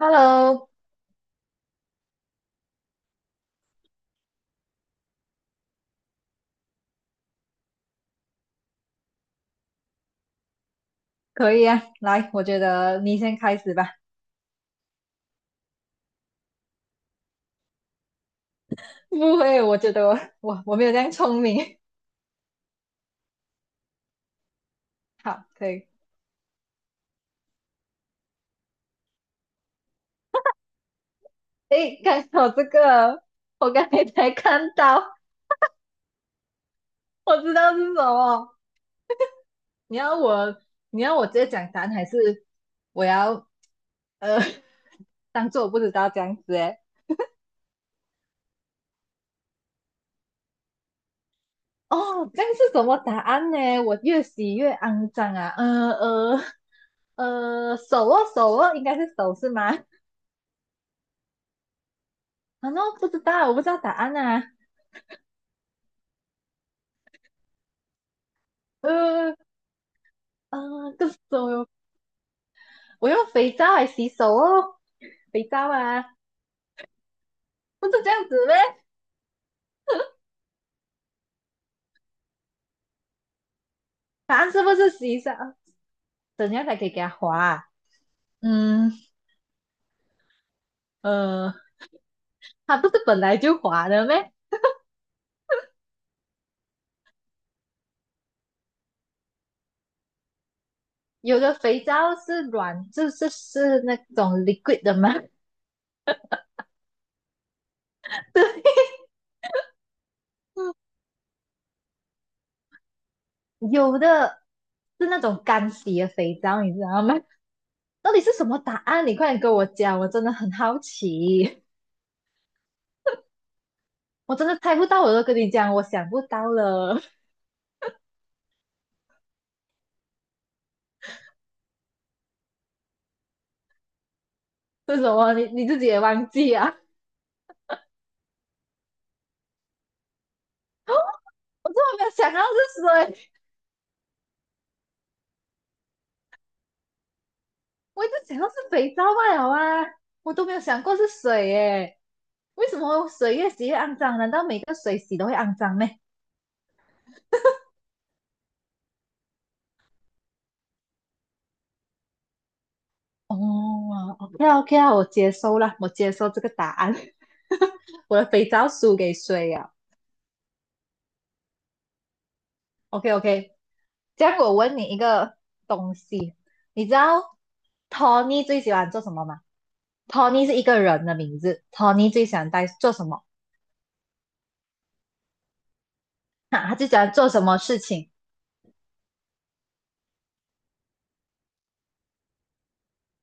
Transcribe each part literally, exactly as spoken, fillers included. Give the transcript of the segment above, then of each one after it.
Hello，可以啊，来，我觉得你先开始吧。不会，我觉得我我我没有这样聪明。好，可以。诶，看我这个，我刚才才看到，我知道是什么。你要我，你要我直接讲答案，还是我要呃 当做我不知道这样子？诶，哦，这样是什么答案呢？我越洗越肮脏啊！呃呃呃，手哦手哦，应该是手是吗？啊，那不知道，我不知道答案啊。呃，啊，手哟！我用肥皂来洗手哦，肥皂啊，不是这样子咩？答案是不是洗手？怎样才可以给它滑啊嗯呃，它不是本来就滑的咩？有的肥皂是软，就是是那种 liquid 的吗？对，有的是那种干洗的肥皂，你知道吗？到底是什么答案？你快点跟我讲，我真的很好奇，我真的猜不到，我都跟你讲，我想不到了。是什么？你你自己也忘记啊？我真的没有想到是水，我一直想到是肥皂罢了啊，我都没有想过是水耶。为什么水越洗越肮脏？难道每个水洗都会肮脏呢？哦，OK 啊 OK 啊，我接受了，我接受这个答案。我的肥皂输给水啊。OK OK，这样我问你一个东西，你知道 Tony 最喜欢做什么吗？Tony 是一个人的名字，Tony 最喜欢带做什么？啊，他最喜欢做什么事情？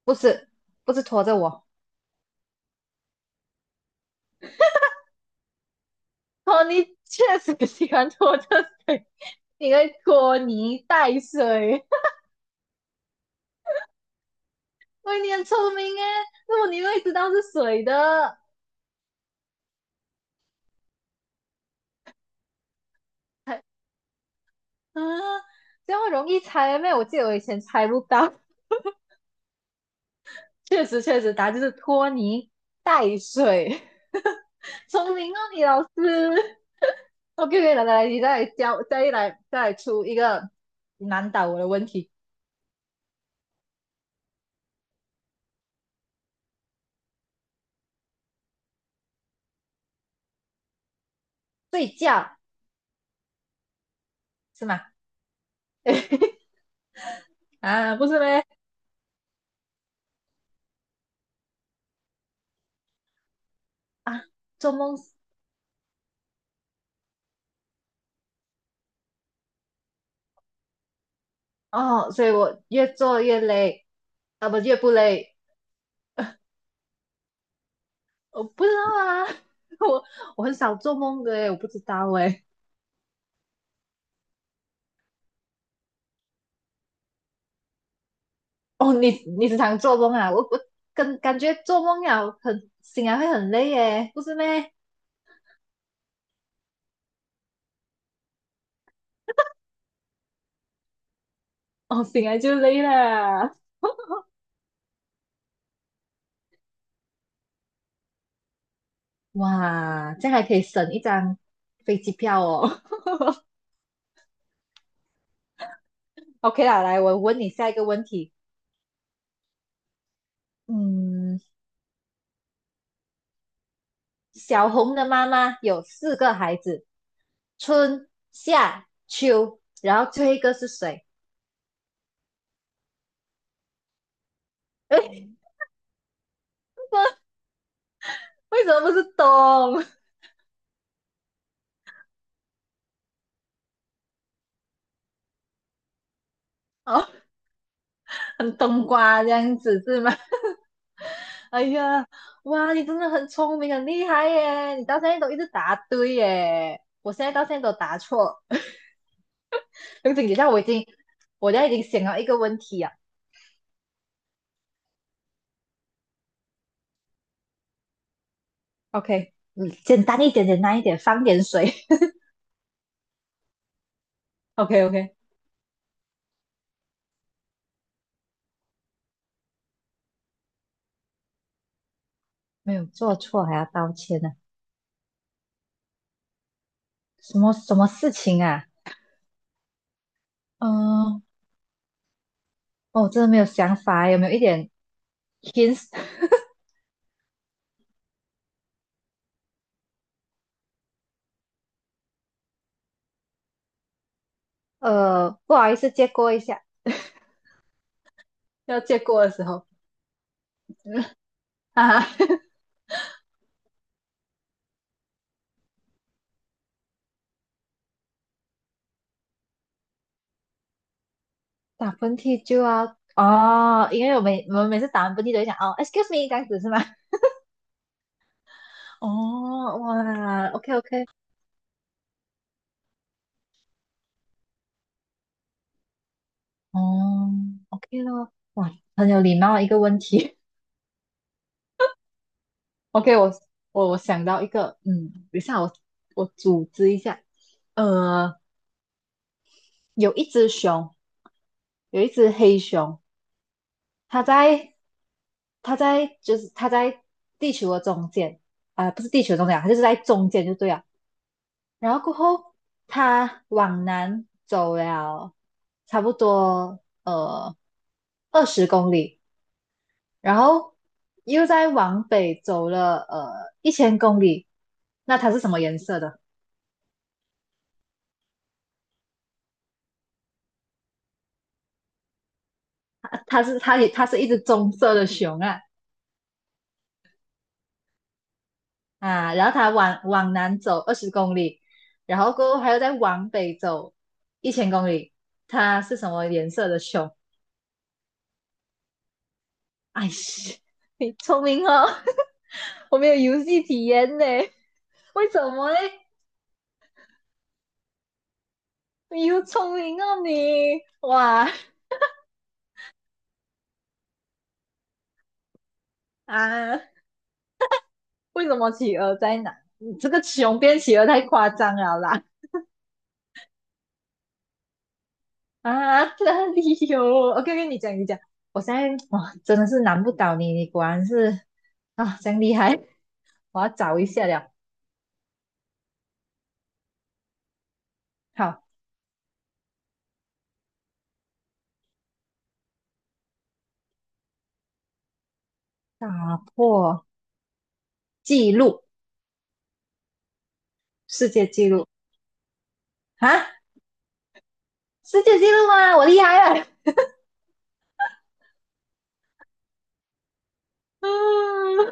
不是，不是拖着我。托尼确实喜欢拖着水，你会拖泥带水。喂，你很聪明哎，那么你会知道是水的啊？这么容易猜咩？我记得我以前猜不到。确实，确实，答案就是拖泥带水。聪明哦，你老师。OK，来来来，你再来教，再来再来出一个难倒我的问题。睡觉是吗？哎啊，不是咩？啊，做梦哦，所以我越做越累，啊不，越不累，我不知道啊。我我很少做梦的诶，我不知道诶。哦，你你时常做梦啊？我我跟感觉做梦了很醒来会很累耶，不是咩？哦，醒来就累了，哇，这样还可以省一张飞机票哦。OK 啦，来，我问你下一个问题。嗯，小红的妈妈有四个孩子，春夏秋，然后最后一个是谁？为什么不是冬？哦，很冬瓜这样子是吗？哎呀，哇，你真的很聪明，很厉害耶！你到现在都一直答对耶，我现在到现在都答错。等等一下，我已经，我现在已经想到一个问题啊。OK，嗯，简单一点，简单一点，放点水。OK OK，没有做错还要道歉呢、啊什么什么事情啊？嗯、哦，我真的没有想法，有没有一点 hints？呃，不好意思，借过一下，要借过的时候。啊，打喷嚏就要哦，因为我每我们每次打完喷嚏都会想哦，excuse me 这样子是吗？哦，哇，OK OK，哦，OK 咯，哇，很有礼貌的一个问题。OK，我我我想到一个，嗯，等一下我我组织一下，呃，有一只熊，有一只黑熊，它在它在就是它在地球的中间啊、不是地球中间啊，它就是在中间就对了。然后过后他往南走了差不多呃二十公里，然后又再往北走了呃一千公里。那它是什么颜色的？它它是它也它是一只棕色的熊啊啊！然后它往往南走二十公里，然后过后还要再往北走一千公里。它是什么颜色的熊？哎是，你聪明哦，我没有游戏体验呢，为什么呢？你又聪明哦你，哇啊，为什么企鹅在哪？你这个熊变企鹅太夸张了啦！啊，哪里有我 k o 跟你讲你讲，我现在哇真的是难不倒你，你果然是啊，真厉害！我要找一下了。好，打破纪录，世界纪录啊，世界纪录吗？我厉害了，嗯，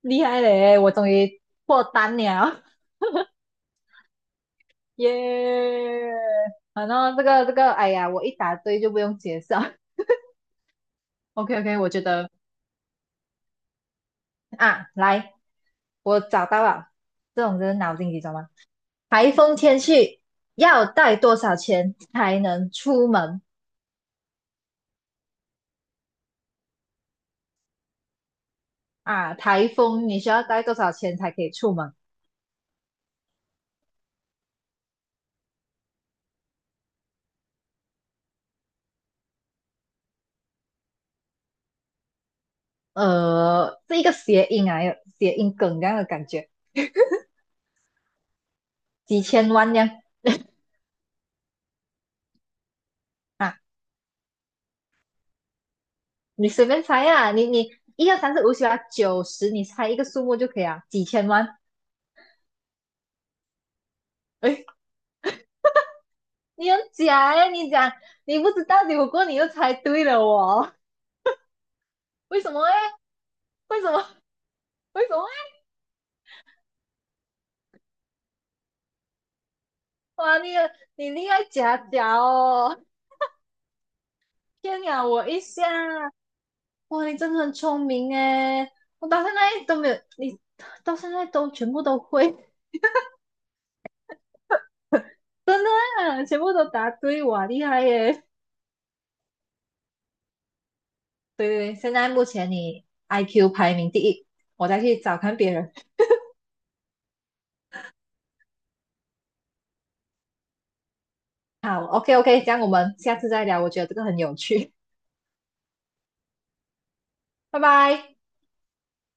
厉害嘞！我终于破单了，耶、反正这个这个，哎呀，我一答对就不用解释了 OK OK，我觉得啊，来，我找到了，这种就是脑筋急转弯。台风天气要带多少钱才能出门啊？台风你需要带多少钱才可以出门？呃，是一个谐音啊，有谐音梗这样的感觉，几千万这样啊。你随便猜呀、啊你你一二三四五六七八九十，你猜一个数目就可以啊，几千万。哎，你很假哎、你讲你不知道，结果过后你又猜对了哦，为什么哎？为什么？为什么哎？哇，你你厉害假假哦，骗了我一下。哇，你真的很聪明哎，我到现在都没有，你到现在都全部都会，真的啊，全部都答对，哇，厉害耶！对对对，现在目前你 I Q 排名第一，我再去找看别人。好，OK OK，这样我们下次再聊，我觉得这个很有趣，拜拜。